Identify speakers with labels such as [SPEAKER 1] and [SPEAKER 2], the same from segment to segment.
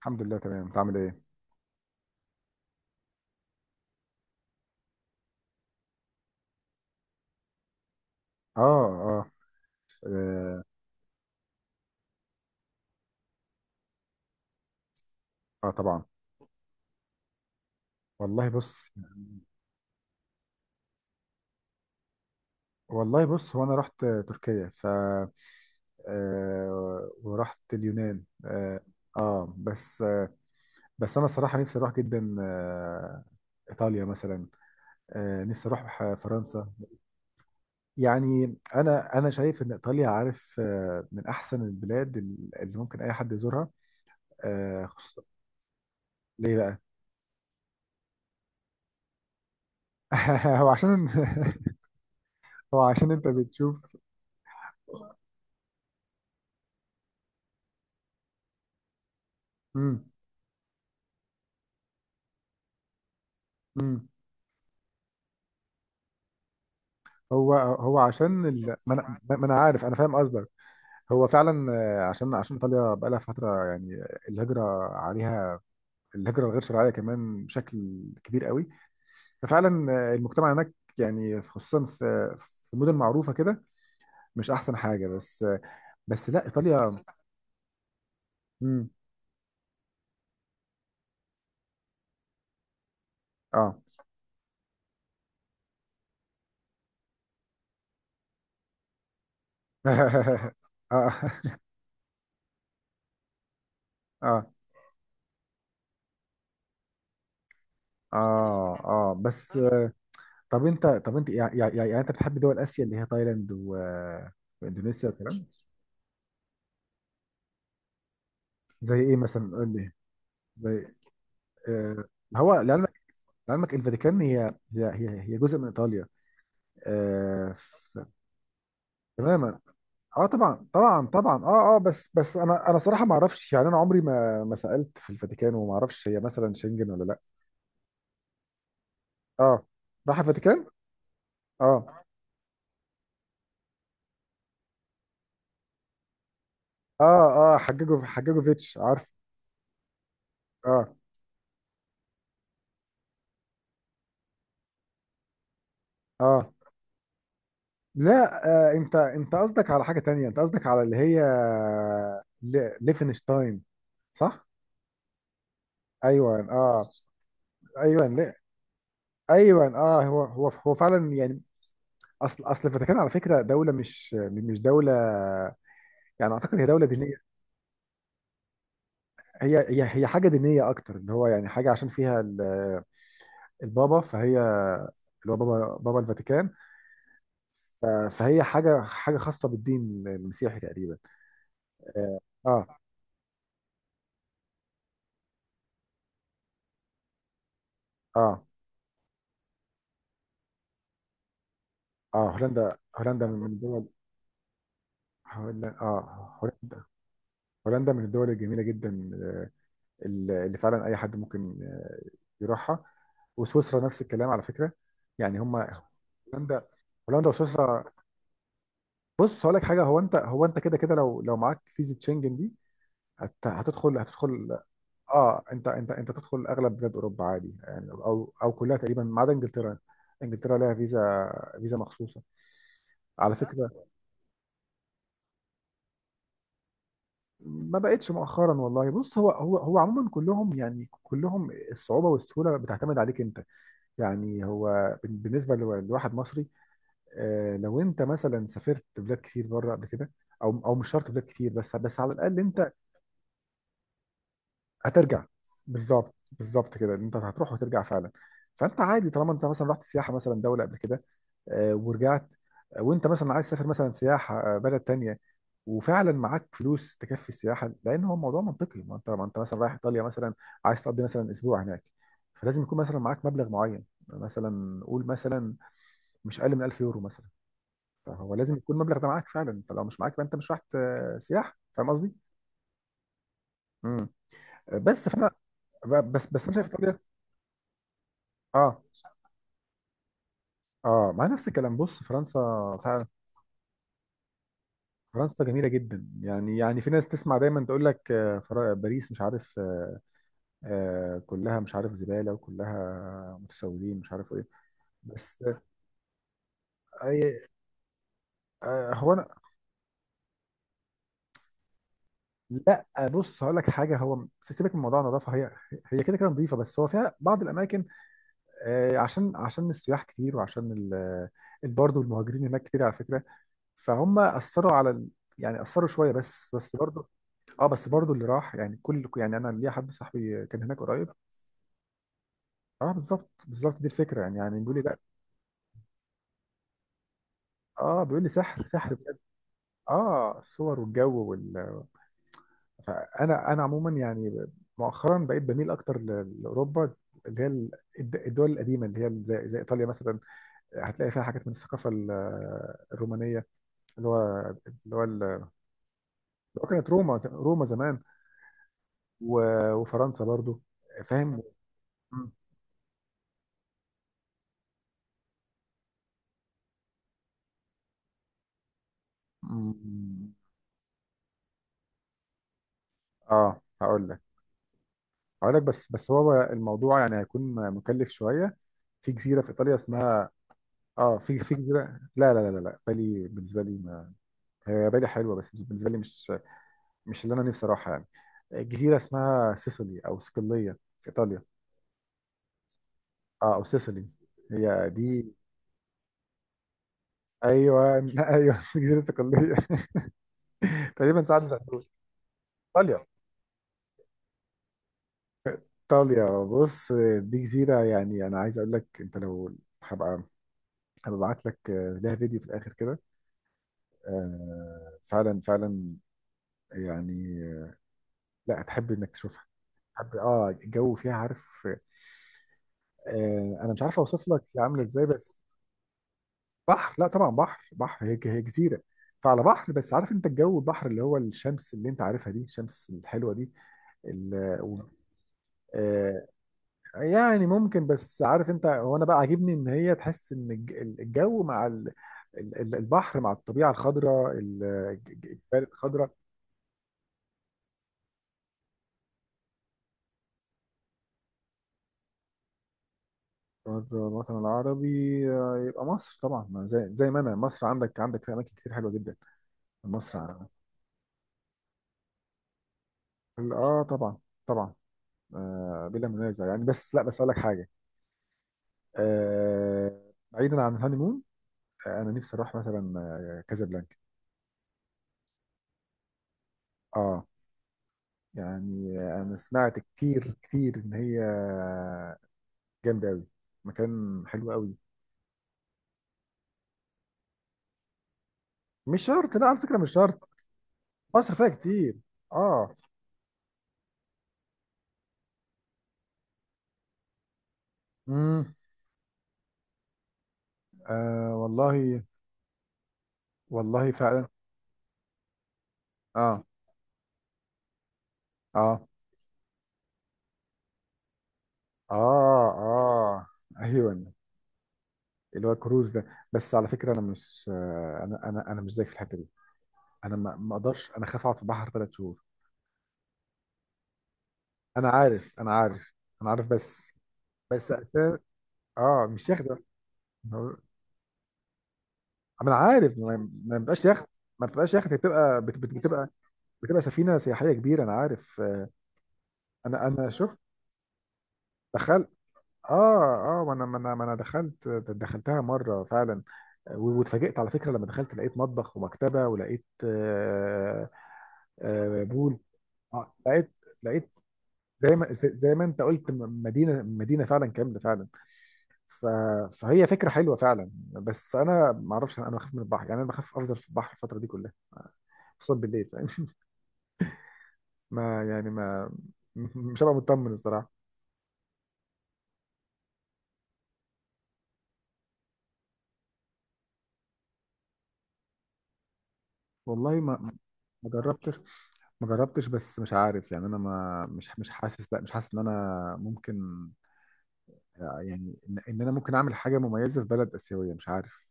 [SPEAKER 1] الحمد لله، تمام. انت عامل ايه؟ اه، اه، اه, آه طبعا. والله بص. والله بص, هو انا رحت تركيا آه ورحت اليونان، آه بس آه، بس انا صراحة نفسي اروح جدا آه ايطاليا مثلا، آه نفسي اروح فرنسا. يعني انا شايف ان ايطاليا، عارف، آه من احسن البلاد اللي ممكن اي حد يزورها، آه خصوصا. ليه بقى؟ هو عشان هو عشان انت بتشوف. مم. مم. هو عشان ما غصب انا عنه، ما انا عارف، انا فاهم قصدك. هو فعلا آه، عشان ايطاليا بقالها فتره يعني الهجره عليها، الهجره الغير شرعيه كمان بشكل كبير قوي. ففعلا آه، المجتمع هناك يعني خصوصا في مدن معروفه كده مش احسن حاجه بس آه. بس لا، بس ايطاليا بس لا. امم اه. اه، اه، اه، اه، اه، بس بس آه، طب انت، طب انت انت بتحب دول اسيا اللي هي تايلاند واندونيسيا والكلام؟ زي ايه مثلا، قول لي؟ زي آه، هو لعلمك، لعلمك الفاتيكان هي جزء من ايطاليا آه، تماما. اه طبعا طبعا، اه اه، بس بس انا صراحه ما اعرفش يعني، انا عمري ما سالت في الفاتيكان وما اعرفش هي مثلا شنجن ولا لا. اه. راح الفاتيكان. اه، اه. اه حججوا فيتش، عارف. اه، اه، لا. آه، انت قصدك على حاجه تانية، انت قصدك على اللي هي ليفنشتاين، صح؟ ايوه، اه. ايوه، ايوه، اه. هو فعلا يعني. اصل الفاتيكان على فكره دوله، مش دوله يعني، اعتقد هي دوله دينيه. هي حاجه دينيه اكتر، اللي هو يعني حاجه عشان فيها البابا، فهي اللي هو بابا الفاتيكان. فهي حاجه خاصه بالدين المسيحي تقريبا. اه، اه، اه، آه، هولندا من الدول. هولندا، اه، هولندا من الدول الجميله جدا اللي فعلا اي حد ممكن آه، يروحها. وسويسرا نفس الكلام على فكره، يعني هم. هولندا هولندا وسويسرا. بص هقول لك حاجه، هو انت كده كده، لو معاك فيزا شنجن دي هتدخل. اه، انت تدخل اغلب بلاد اوروبا عادي يعني، او كلها تقريبا ما عدا انجلترا. انجلترا لها فيزا مخصوصه على فكره، ما بقتش مؤخرا. والله بص، هو عموما كلهم، يعني كلهم الصعوبة والسهولة بتعتمد عليك انت. يعني هو بالنسبة لواحد مصري آه، لو انت مثلا سافرت بلاد كتير بره قبل كده، او مش شرط بلاد كتير، بس بس على الاقل انت هترجع. بالظبط كده، انت هتروح وترجع فعلا. فانت عادي طالما انت مثلا رحت سياحه مثلا دوله قبل كده آه، ورجعت آه، وانت مثلا عايز تسافر مثلا سياحه آه، بلد تانية، وفعلا معاك فلوس تكفي السياحه، لان هو الموضوع منطقي. ما انت مثلا رايح ايطاليا مثلا، عايز تقضي مثلا اسبوع هناك، فلازم يكون مثلا معاك مبلغ معين، مثلا قول مثلا مش اقل من 1000 يورو مثلا. فهو لازم يكون المبلغ ده معاك فعلا، انت لو مش معاك يبقى انت مش رايح آه، سياحه. فاهم قصدي؟ امم بس فانا بس انا شايف ايطاليا. اه، اه، مع نفس الكلام. بص فرنسا، فعلا فرنسا جميله جدا. يعني في ناس تسمع دايما تقول لك آه، باريس مش عارف آه، آه، كلها مش عارف زباله وكلها متسولين مش عارف ايه، بس آه. أي آه، هو انا، لا آه، بص هقول لك حاجه، هو سيبك من موضوع النظافه. هي كده كده نظيفه، بس هو فيها بعض الاماكن آه، عشان السياح كتير، وعشان ال برضه المهاجرين هناك كتير على فكره، فهم اثروا على يعني اثروا شويه بس، بس برضه. اه، بس برضو اللي راح يعني، كل يعني انا ليا حد صاحبي كان هناك قريب. اه، بالظبط دي الفكره يعني، يعني بيقول لي لا. اه، بيقول لي سحر بجد. اه، الصور والجو وال، فانا انا عموما يعني مؤخرا بقيت بميل اكتر لاوروبا اللي هي الدول القديمه، اللي هي زي ايطاليا مثلا، هتلاقي فيها حاجات من الثقافه الرومانيه، اللي هو اللي هو كانت روما زمان. وفرنسا برضو، فاهم. مم. مم. اه هقول لك، اقول لك، بس بس هو الموضوع يعني هيكون مكلف شويه. في جزيره في ايطاليا اسمها، اه في في جزيره، لا، لا، لا، لا، لا، بالي، بالنسبه لي ما هي بالي حلوه، بس بالنسبه لي مش اللي انا نفسي اروحها يعني. جزيره اسمها سيسيلي او صقليه في ايطاليا. اه، او سيسيلي، هي دي. ايوه ايوه جزيره صقليه. تقريبا ساعه زيتون. ايطاليا ايطاليا بص، دي جزيره يعني، انا عايز اقول لك انت لو، هبقى هبعت لك لها فيديو في الاخر كده، آه فعلا يعني، لا هتحب انك تشوفها. هتحب، اه. الجو فيها عارف، آه انا مش عارف اوصف لك هي عامله ازاي بس. بحر، لا طبعا بحر، هي جزيره. فعلى بحر، بس عارف انت الجو، البحر اللي هو الشمس اللي انت عارفها دي، الشمس الحلوه دي، ال- و- آه يعني ممكن، بس عارف انت، هو انا بقى عاجبني ان هي تحس ان الجو مع البحر مع الطبيعه الخضراء، الجبال الخضراء. الوطن العربي آه، يبقى مصر طبعا، ما زي ما انا، مصر عندك في اماكن كتير حلوه جدا. مصر ع- اه طبعا. آه بلا منازع يعني. بس لا، بس اقول لك حاجه، آه بعيدا عن الهانيمون، آه انا نفسي اروح مثلا آه، كازابلانكا. اه، يعني انا سمعت كتير ان هي جامده قوي، مكان حلو قوي. مش شرط، لا على فكره، مش شرط. مصر فيها كتير. اه. امم آه والله، والله فعلا. اه، اه، اه، اه، ايوه. اللي هو كروز ده. بس على فكره، انا مش آه، انا مش زيك في الحته دي. انا ما اقدرش، انا خاف اقعد في البحر 3 شهور. انا عارف، انا عارف بس، بس اساس، اه مش يخت بقى. ما هو، ما انا عارف، ما بيبقاش يخت. ما بتبقاش يخت، بتبقى بتبقى بتبقى سفينه سياحيه كبيره، انا عارف آه. انا شفت، تخيل. اه، اه، ما انا دخلت، دخلتها مره فعلا، واتفاجئت على فكره، لما دخلت لقيت مطبخ ومكتبه ولقيت آه. آه بول، آه لقيت زي ما زي ما انت قلت مدينه فعلا كامله فعلا. ف فهي فكره حلوه فعلا، بس انا ما اعرفش، انا بخاف من البحر يعني، انا بخاف افضل في البحر الفتره دي كلها خصوصا بالليل، فاهم؟ ما يعني ما، مش هبقى مطمن الصراحه. والله، ما جربتش، ما جربتش، بس مش عارف يعني، انا ما مش حاسس، لا مش حاسس ان انا ممكن يعني، ان انا ممكن اعمل حاجه مميزه في بلد اسيويه، مش عارف.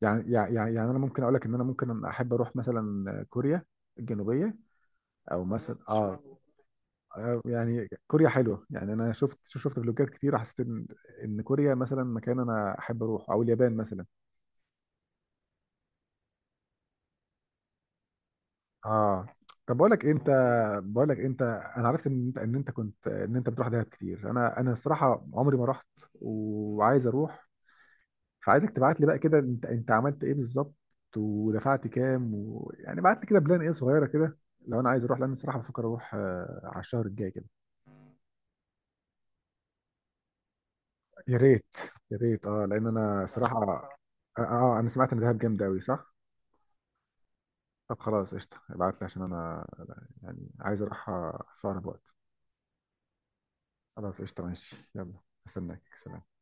[SPEAKER 1] يعني انا ممكن اقول لك ان انا ممكن احب اروح مثلا كوريا الجنوبيه، او مثلا، اه، اشمعنى؟ آه، يعني كوريا حلوه يعني، انا شفت فلوجات كتير، حسيت ان كوريا مثلا مكان انا احب اروح، او اليابان مثلا. اه. طب بقول لك إيه، انت انا عرفت ان انت كنت، ان انت بتروح دهب كتير. انا، انا الصراحه عمري ما رحت وعايز اروح. فعايزك تبعت لي بقى كده، انت عملت ايه بالظبط ودفعت كام و... يعني بعت لي كده بلان ايه صغيره كده لو انا عايز اروح، لان الصراحه بفكر اروح آه، على الشهر الجاي كده. يا ريت يا ريت اه، لان انا صراحه، اه آه، انا سمعت ان دهب جامد قوي صح. طب خلاص قشطه، ابعت لي عشان انا يعني عايز اروح آه، في اقرب وقت. خلاص قشطة، ماشي. يلا، استناك، سلام.